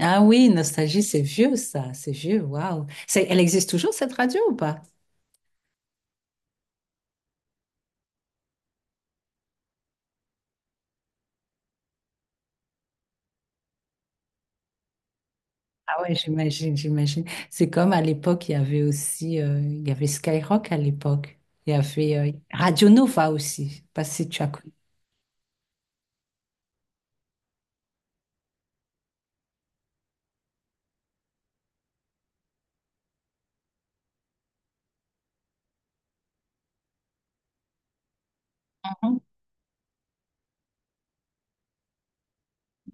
Ah oui, Nostalgie, c'est vieux ça, c'est vieux, waouh. Elle existe toujours cette radio ou pas? Ah ouais, j'imagine. C'est comme à l'époque, il y avait aussi, il y avait Skyrock à l'époque. Il y avait Radio Nova aussi. Je sais pas si tu as connu. Mhm.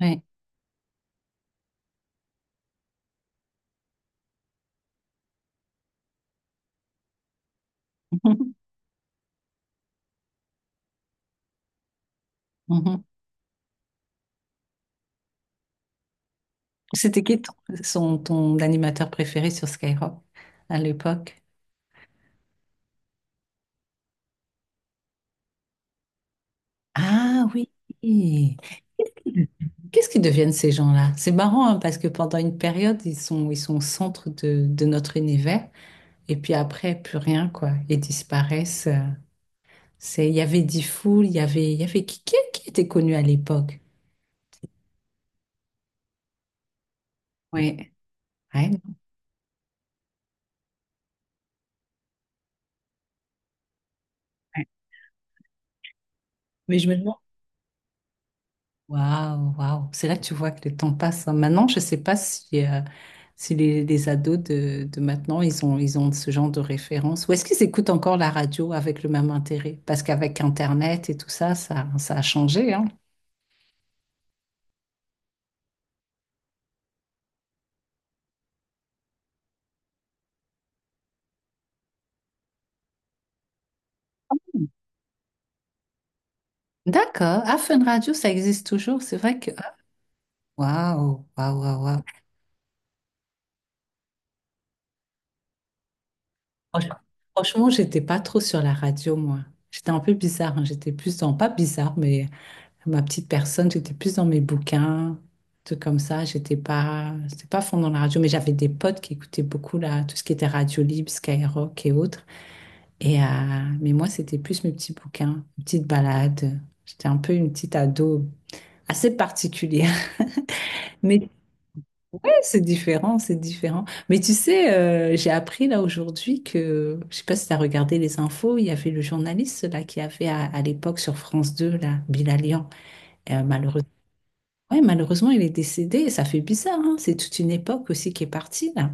Ouais. Mhm. Mhm. C'était qui ton, son- ton animateur préféré sur Skyrock à l'époque? Ah oui. Qu'est-ce qu'ils deviennent ces gens-là? C'est marrant hein, parce que pendant une période, ils sont au centre de notre univers. Et puis après, plus rien, quoi. Ils disparaissent. C'est, il y avait Diffoul, il y avait qui, qui était connu à l'époque? Ouais, ouais, ouais. Mais je me demande, waouh, waouh. C'est là que tu vois que le temps passe, hein. Maintenant, je sais pas si, si les ados de maintenant, ils ont ce genre de référence. Ou est-ce qu'ils écoutent encore la radio avec le même intérêt? Parce qu'avec Internet et tout ça, ça a changé, hein. D'accord. Ah, Fun Radio, ça existe toujours. C'est vrai que, ah, waouh, waouh, waouh. Waouh. Franch- Franchement, j'étais pas trop sur la radio, moi. J'étais un peu bizarre, hein. J'étais plus dans, pas bizarre, mais ma petite personne, j'étais plus dans mes bouquins, tout comme ça. J'étais pas, c'était pas fond dans la radio, mais j'avais des potes qui écoutaient beaucoup là, tout ce qui était radio libre, Skyrock et autres. Et, mais moi, c'était plus mes petits bouquins, mes petites balades. J'étais un peu une petite ado assez particulière. Mais ouais, c'est différent, c'est différent. Mais tu sais, j'ai appris là aujourd'hui que, je sais pas si tu as regardé les infos, il y avait le journaliste là qui avait à l'époque sur France 2 là, Bilalian. Malheureusement, ouais, malheureusement, il est décédé et ça fait bizarre, hein. C'est toute une époque aussi qui est partie là.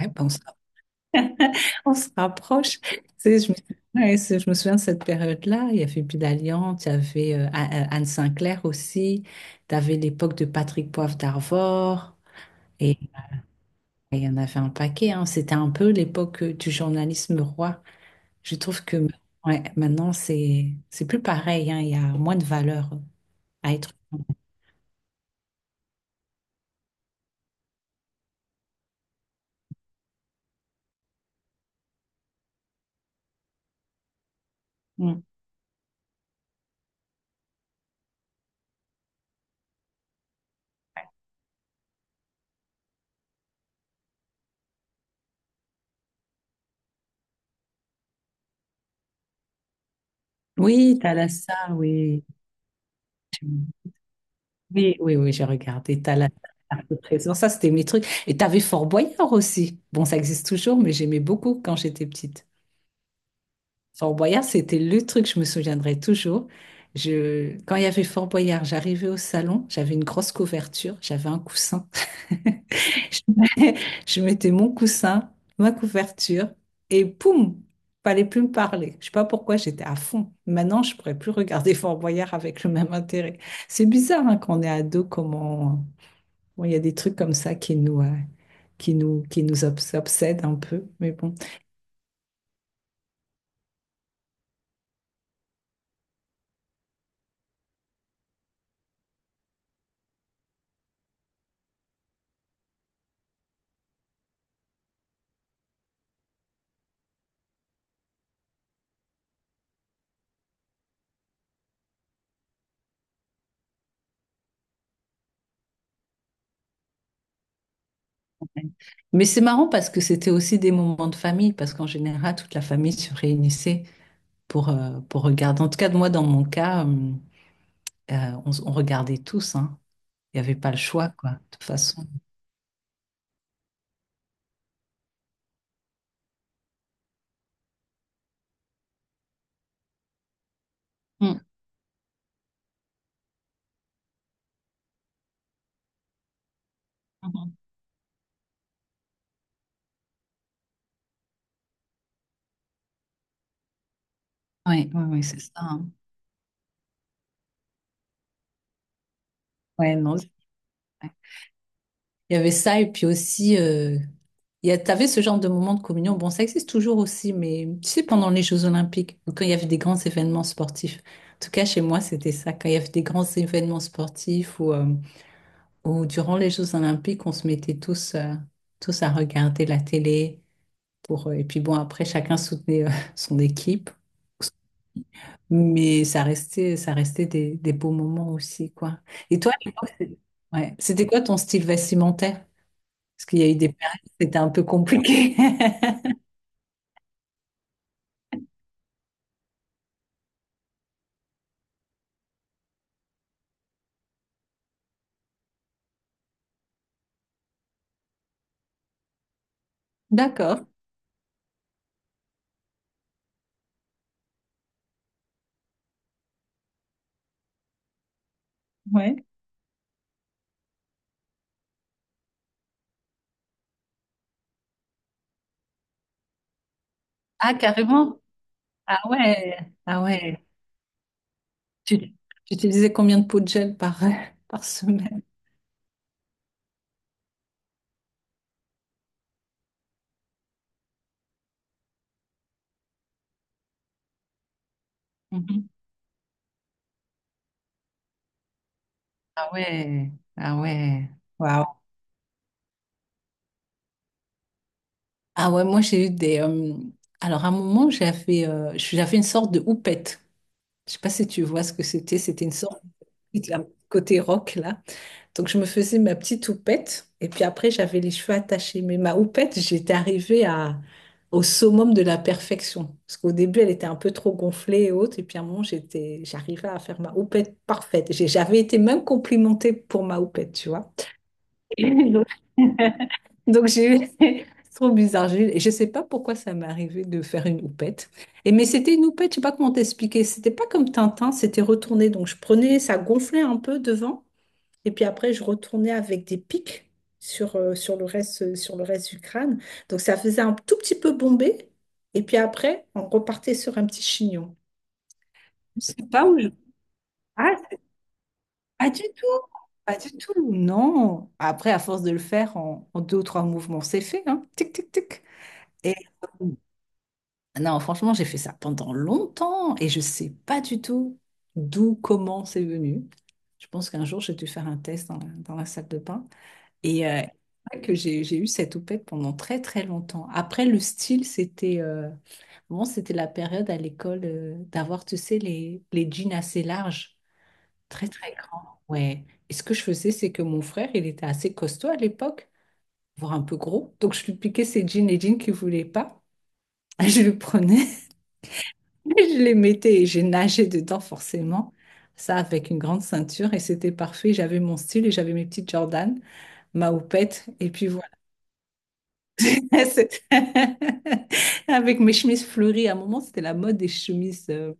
Ouais, ben, on se rapproche. Tu sais, ouais, je me souviens de cette période-là. Il y avait Bilalian, tu avais Anne Sinclair aussi, tu avais l'époque de Patrick Poivre d'Arvor. Il y en avait un paquet, hein. C'était un peu l'époque du journalisme roi. Je trouve que ouais, maintenant, c'est plus pareil, hein. Il y a moins de valeur à être. Mm. Oui, Thalassa, oui. Oui, oui, oui, j'ai regardé Thalassa, Arc de Trésor. Ça, c'était mes trucs. Et t'avais Fort Boyard aussi. Bon, ça existe toujours, mais j'aimais beaucoup quand j'étais petite. Fort Boyard, c'était le truc, je me souviendrai toujours. Je... Quand il y avait Fort Boyard, j'arrivais au salon, j'avais une grosse couverture, j'avais un coussin. Je mettais mon coussin, ma couverture, et poum, fallait plus me parler. Je sais pas pourquoi j'étais à fond. Maintenant, je pourrais plus regarder Fort Boyard avec le même intérêt. C'est bizarre hein, quand on est ado, comment bon, il y a des trucs comme ça qui nous, qui nous obsèdent un peu. Mais bon. Mais c'est marrant parce que c'était aussi des moments de famille, parce qu'en général, toute la famille se réunissait pour regarder. En tout cas, moi, dans mon cas, on regardait tous, hein. Il n'y avait pas le choix, quoi, de toute façon. Mm. Mhm. Oui, oui, oui, c'est ça, hein. Ouais, non. Il y avait ça, et puis aussi, t'avais ce genre de moment de communion. Bon, ça existe toujours aussi, mais tu sais, pendant les Jeux Olympiques, ou quand il y avait des grands événements sportifs. En tout cas, chez moi, c'était ça. Quand il y avait des grands événements sportifs ou durant les Jeux Olympiques, on se mettait tous à regarder la télé. Pour, et puis bon, après, chacun soutenait, son équipe. Mais ça restait des beaux moments aussi, quoi. Et toi, à l'époque, ouais. C'était quoi ton style vestimentaire? Parce qu'il y a eu des périodes où c'était un peu compliqué. D'accord. Ouais. Ah, carrément. Ah ouais. Ah ouais. Tu utilisais combien de pots de gel par, par semaine? Mhm. Ah ouais. Ah ouais. Waouh. Ah ouais, moi j'ai eu des. Alors à un moment, j'avais une sorte de houppette. Je sais pas si tu vois ce que c'était. C'était une sorte de petite, là, côté rock là. Donc, je me faisais ma petite houppette. Et puis après, j'avais les cheveux attachés. Mais ma houppette, j'étais arrivée à, au summum de la perfection. Parce qu'au début, elle était un peu trop gonflée et haute. Et puis à un moment, j'arrivais à faire ma houppette parfaite. J'avais été même complimentée pour ma houppette, tu vois. Donc, donc, j'ai eu... C'est trop bizarre. Et je sais pas pourquoi ça m'est arrivé de faire une houppette. Et mais c'était une houppette, je sais pas comment t'expliquer. C'était pas comme Tintin, c'était retourné. Donc, je prenais, ça gonflait un peu devant. Et puis après, je retournais avec des pics sur le reste du crâne. Donc ça faisait un tout petit peu bombé. Et puis après, on repartait sur un petit chignon. C'est pas où je... Ah, pas du tout, pas du tout, non. Après, à force de le faire en deux ou trois mouvements, c'est fait, hein. Tic, tic, tic. Et euh, non, franchement, j'ai fait ça pendant longtemps et je sais pas du tout d'où, comment c'est venu. Je pense qu'un jour, j'ai dû faire un test dans dans la salle de bain. Et c'est vrai que j'ai eu cette houppette pendant très très longtemps. Après, le style, c'était bon, c'était la période à l'école d'avoir, tu sais, les jeans assez larges, très très grands. Ouais. Et ce que je faisais, c'est que mon frère, il était assez costaud à l'époque, voire un peu gros. Donc, je lui piquais ses jeans, les jeans qu'il voulait pas. Je le prenais, je les mettais et j'ai nagé dedans forcément. Ça avec une grande ceinture et c'était parfait. J'avais mon style et j'avais mes petites Jordan, ma houppette. Et puis C'est- avec mes chemises fleuries, à un moment, c'était la mode des chemises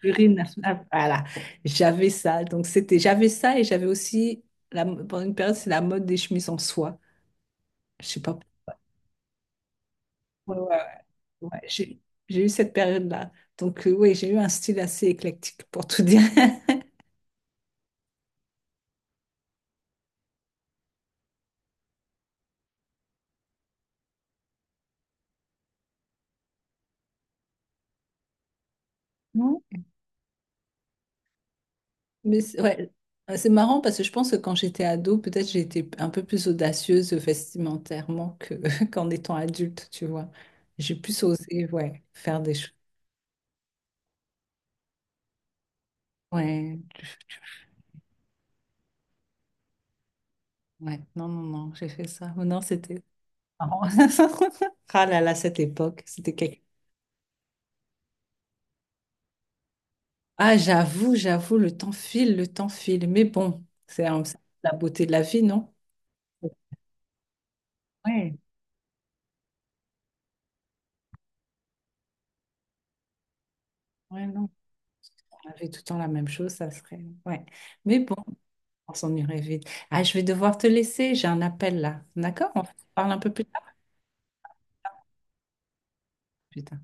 fleuries nationales. Voilà, j'avais ça. Donc, c'était, j'avais ça et j'avais aussi, la, pendant une période, c'est la mode des chemises en soie. Je sais pas. Ouais, ouais, ouais. Ouais, j'ai j'ai eu cette période-là. Donc, oui, j'ai eu un style assez éclectique, pour tout dire. Mais c'est ouais, c'est marrant parce que je pense que quand j'étais ado, peut-être j'ai été un peu plus audacieuse vestimentairement que qu'en étant adulte, tu vois. J'ai plus osé, ouais, faire des choses. Ouais, ouais, non, non, non, j'ai fait ça. Oh non, c'était marrant. Ah là là, cette époque, c'était quelque... Ah, j'avoue, j'avoue, le temps file, le temps file. Mais bon, c'est la beauté de la vie, non? Ouais, ouais, non. On avait tout le temps la même chose, ça serait... Ouais. Mais bon. On s'en irait vite. Ah, je vais devoir te laisser, j'ai un appel là. D'accord? On se parle un peu plus tard. Putain.